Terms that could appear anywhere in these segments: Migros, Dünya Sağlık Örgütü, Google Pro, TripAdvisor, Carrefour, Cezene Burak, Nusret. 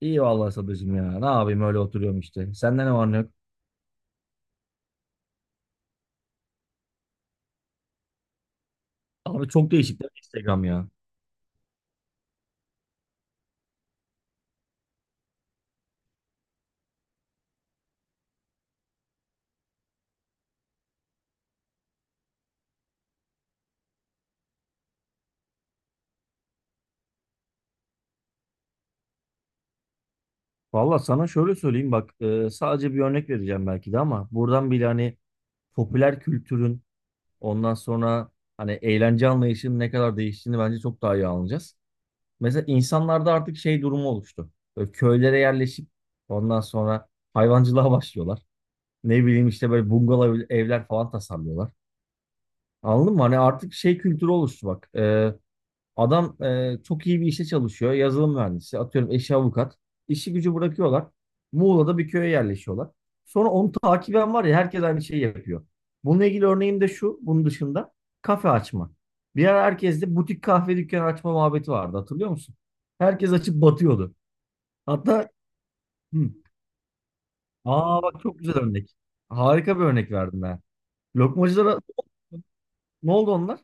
İyi vallahi Sadıcığım ya. Ne yapayım öyle oturuyorum işte. Sende ne var ne yok? Abi çok değişik değil mi Instagram ya? Vallahi sana şöyle söyleyeyim bak sadece bir örnek vereceğim belki de ama buradan bile hani popüler kültürün ondan sonra hani eğlence anlayışının ne kadar değiştiğini bence çok daha iyi anlayacağız. Mesela insanlarda artık şey durumu oluştu. Böyle köylere yerleşip ondan sonra hayvancılığa başlıyorlar. Ne bileyim işte böyle bungalov evler falan tasarlıyorlar. Anladın mı? Hani artık şey kültürü oluştu bak. Adam çok iyi bir işte çalışıyor. Yazılım mühendisi. Atıyorum eşi avukat. İşi gücü bırakıyorlar. Muğla'da bir köye yerleşiyorlar. Sonra onu takiben var ya herkes aynı şeyi yapıyor. Bununla ilgili örneğim de şu. Bunun dışında kafe açma. Bir ara herkeste butik kahve dükkanı açma muhabbeti vardı. Hatırlıyor musun? Herkes açıp batıyordu. Hatta hı, aa bak çok güzel örnek. Harika bir örnek verdim ben. Lokmacılara ne oldu onlar?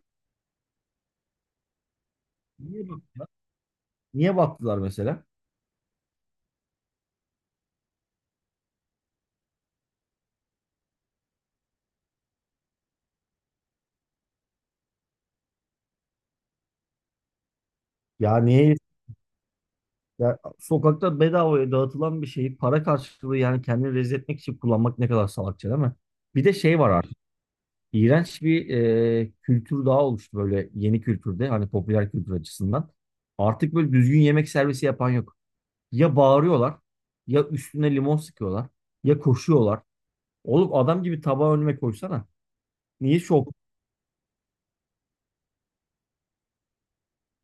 Niye battılar? Niye battılar mesela? Ya niye Ya, sokakta bedavaya dağıtılan bir şeyi para karşılığı yani kendini rezil etmek için kullanmak ne kadar salakça değil mi? Bir de şey var artık. İğrenç bir kültür daha oluştu böyle yeni kültürde hani popüler kültür açısından. Artık böyle düzgün yemek servisi yapan yok. Ya bağırıyorlar, ya üstüne limon sıkıyorlar, ya koşuyorlar. Oğlum adam gibi tabağı önüme koysana. Niye şok?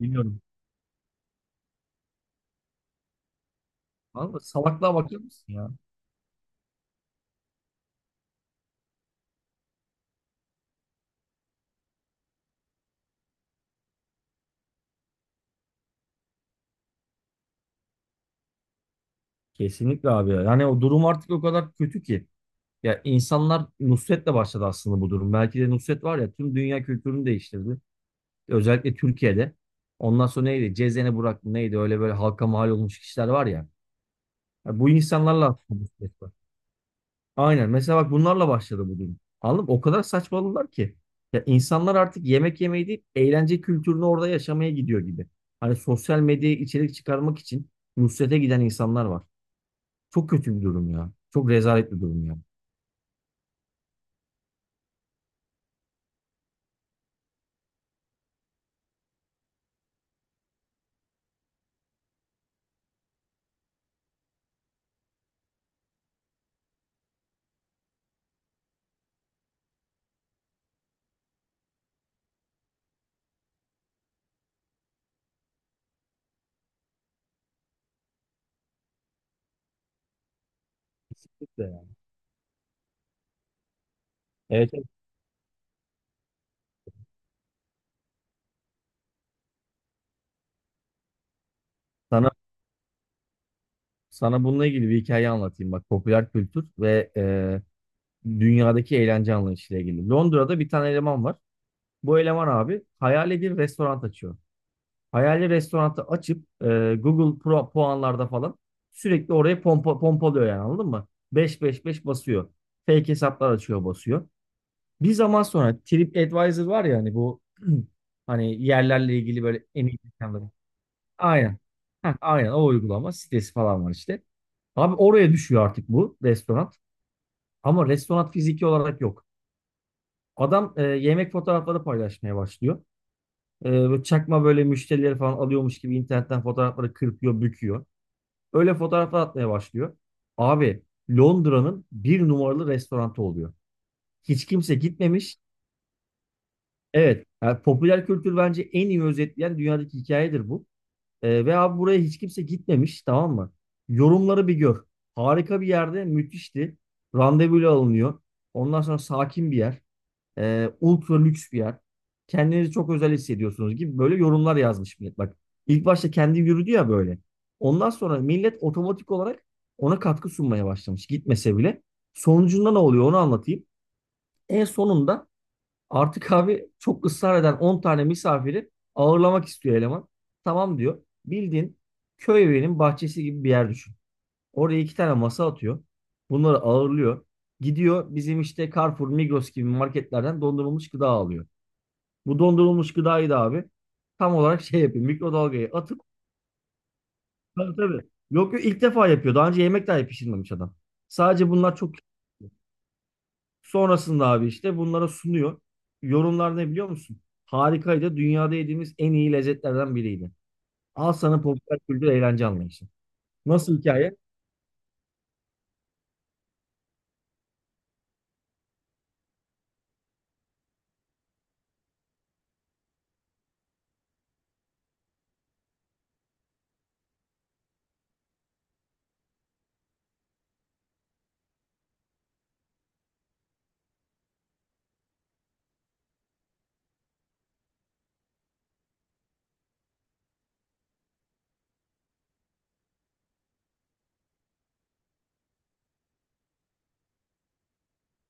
Bilmiyorum. Vallahi salaklığa bakıyor musun ya? Kesinlikle abi ya. Yani o durum artık o kadar kötü ki. Ya insanlar Nusret'le başladı aslında bu durum. Belki de Nusret var ya tüm dünya kültürünü değiştirdi. Özellikle Türkiye'de. Ondan sonra neydi? Cezene Burak mı neydi? Öyle böyle halka mal olmuş kişiler var ya. Ya bu insanlarla aslında Nusret var. Aynen. Mesela bak bunlarla başladı bu durum. Anladın mı? O kadar saçmaladılar ki. Ya insanlar artık yemek yemeyi değil, eğlence kültürünü orada yaşamaya gidiyor gibi. Hani sosyal medyaya içerik çıkarmak için Nusret'e giden insanlar var. Çok kötü bir durum ya. Çok rezalet bir durum ya. Kesinlikle ya. Evet, evet. Sana Sana bununla ilgili bir hikaye anlatayım. Bak popüler kültür ve dünyadaki eğlence anlayışıyla ilgili. Londra'da bir tane eleman var. Bu eleman abi hayali bir restoran açıyor. Hayali restoranı açıp Google Pro puanlarda falan sürekli oraya pompalıyor yani anladın mı? Beş beş beş basıyor. Fake hesaplar açıyor basıyor. Bir zaman sonra TripAdvisor var ya hani bu hani yerlerle ilgili böyle en iyi mekanlar. Aynen. Heh, aynen o uygulama sitesi falan var işte. Abi oraya düşüyor artık bu restoran. Ama restoran fiziki olarak yok. Adam yemek fotoğrafları paylaşmaya başlıyor. Böyle çakma böyle müşterileri falan alıyormuş gibi internetten fotoğrafları kırpıyor, büküyor. Öyle fotoğraflar atmaya başlıyor. Abi Londra'nın bir numaralı restoranı oluyor. Hiç kimse gitmemiş. Evet, yani popüler kültür bence en iyi özetleyen dünyadaki hikayedir bu. Ve abi buraya hiç kimse gitmemiş tamam mı? Yorumları bir gör. Harika bir yerde müthişti. Randevuyla alınıyor. Ondan sonra sakin bir yer. Ultra lüks bir yer. Kendinizi çok özel hissediyorsunuz gibi böyle yorumlar yazmış millet. Bak ilk başta kendi yürüdü ya böyle. Ondan sonra millet otomatik olarak ona katkı sunmaya başlamış gitmese bile. Sonucunda ne oluyor onu anlatayım. En sonunda artık abi çok ısrar eden 10 tane misafiri ağırlamak istiyor eleman. Tamam diyor. Bildiğin köy evinin bahçesi gibi bir yer düşün. Oraya iki tane masa atıyor. Bunları ağırlıyor. Gidiyor bizim işte Carrefour, Migros gibi marketlerden dondurulmuş gıda alıyor. Bu dondurulmuş gıdayı da abi tam olarak şey yapıyor. Mikrodalgaya atıp tabii tabii. Yok yok ilk defa yapıyor. Daha önce yemek dahi pişirmemiş adam. Sadece bunlar çok sonrasında abi işte bunlara sunuyor. Yorumlar ne biliyor musun? Harikaydı. Dünyada yediğimiz en iyi lezzetlerden biriydi. Al sana popüler kültür eğlence anlayışı. Nasıl hikaye?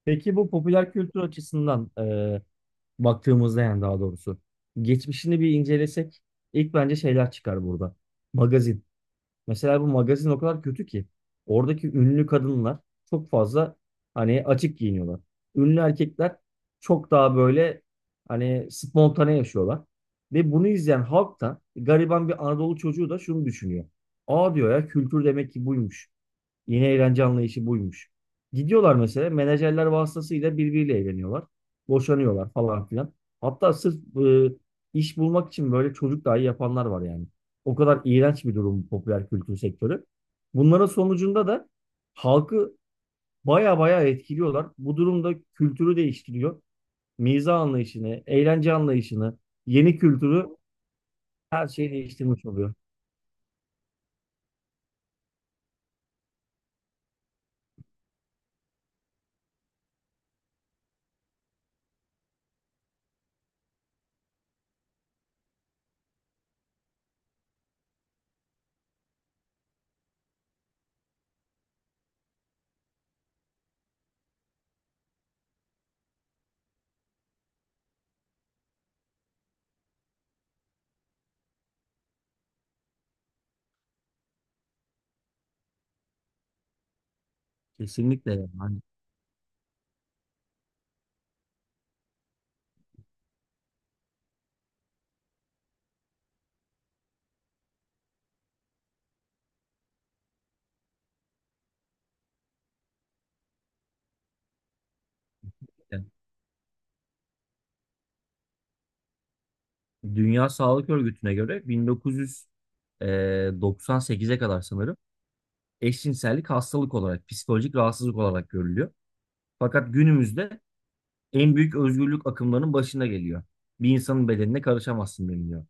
Peki bu popüler kültür açısından baktığımızda yani daha doğrusu geçmişini bir incelesek ilk bence şeyler çıkar burada. Magazin. Mesela bu magazin o kadar kötü ki oradaki ünlü kadınlar çok fazla hani açık giyiniyorlar. Ünlü erkekler çok daha böyle hani spontane yaşıyorlar. Ve bunu izleyen halk da gariban bir Anadolu çocuğu da şunu düşünüyor. Aa diyor ya kültür demek ki buymuş. Yeni eğlence anlayışı buymuş. Gidiyorlar mesela menajerler vasıtasıyla birbiriyle eğleniyorlar. Boşanıyorlar falan filan. Hatta sırf e, iş bulmak için böyle çocuk dahi yapanlar var yani. O kadar iğrenç bir durum bu popüler kültür sektörü. Bunların sonucunda da halkı baya baya etkiliyorlar. Bu durumda kültürü değiştiriyor. Miza anlayışını, eğlence anlayışını, yeni kültürü, her şeyi değiştirmiş oluyor. Kesinlikle yani. Dünya Sağlık Örgütü'ne göre 1998'e kadar sanırım eşcinsellik hastalık olarak, psikolojik rahatsızlık olarak görülüyor. Fakat günümüzde en büyük özgürlük akımlarının başına geliyor. Bir insanın bedenine karışamazsın deniliyor.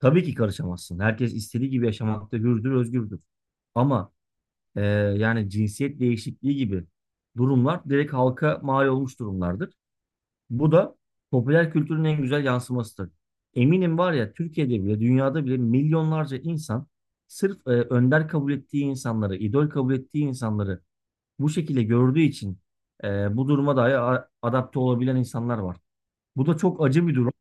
Tabii ki karışamazsın. Herkes istediği gibi yaşamakta hürdür, özgürdür. Ama e, yani cinsiyet değişikliği gibi durumlar direkt halka mal olmuş durumlardır. Bu da popüler kültürün en güzel yansımasıdır. Eminim var ya Türkiye'de bile dünyada bile milyonlarca insan sırf önder kabul ettiği insanları, idol kabul ettiği insanları bu şekilde gördüğü için bu duruma dahi adapte olabilen insanlar var. Bu da çok acı bir durum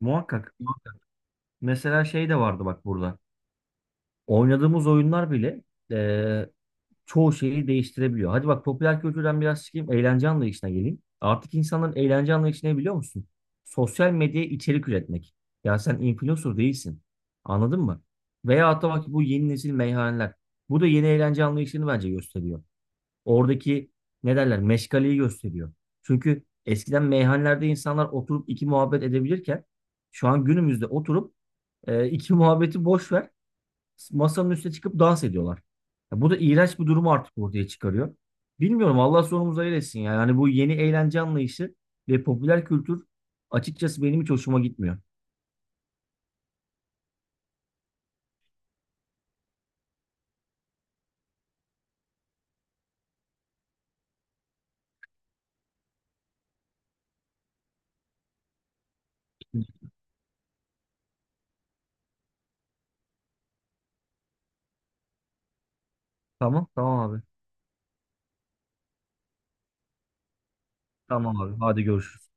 muhakkak. Mesela şey de vardı bak burada. Oynadığımız oyunlar bile e, çoğu şeyi değiştirebiliyor. Hadi bak popüler kültürden biraz çıkayım, eğlence anlayışına geleyim. Artık insanların eğlence anlayışı ne biliyor musun? Sosyal medyaya içerik üretmek. Ya sen influencer değilsin. Anladın mı? Veya hatta bak bu yeni nesil meyhaneler. Bu da yeni eğlence anlayışını bence gösteriyor. Oradaki ne derler meşgaleyi gösteriyor. Çünkü eskiden meyhanelerde insanlar oturup iki muhabbet edebilirken şu an günümüzde oturup iki muhabbeti boş ver, masanın üstüne çıkıp dans ediyorlar. Ya bu da iğrenç bir durumu artık ortaya çıkarıyor. Bilmiyorum Allah sonumuzu hayır etsin yani. Hani bu yeni eğlence anlayışı ve popüler kültür açıkçası benim hiç hoşuma gitmiyor. Tamam, tamam abi. Tamam abi. Hadi görüşürüz.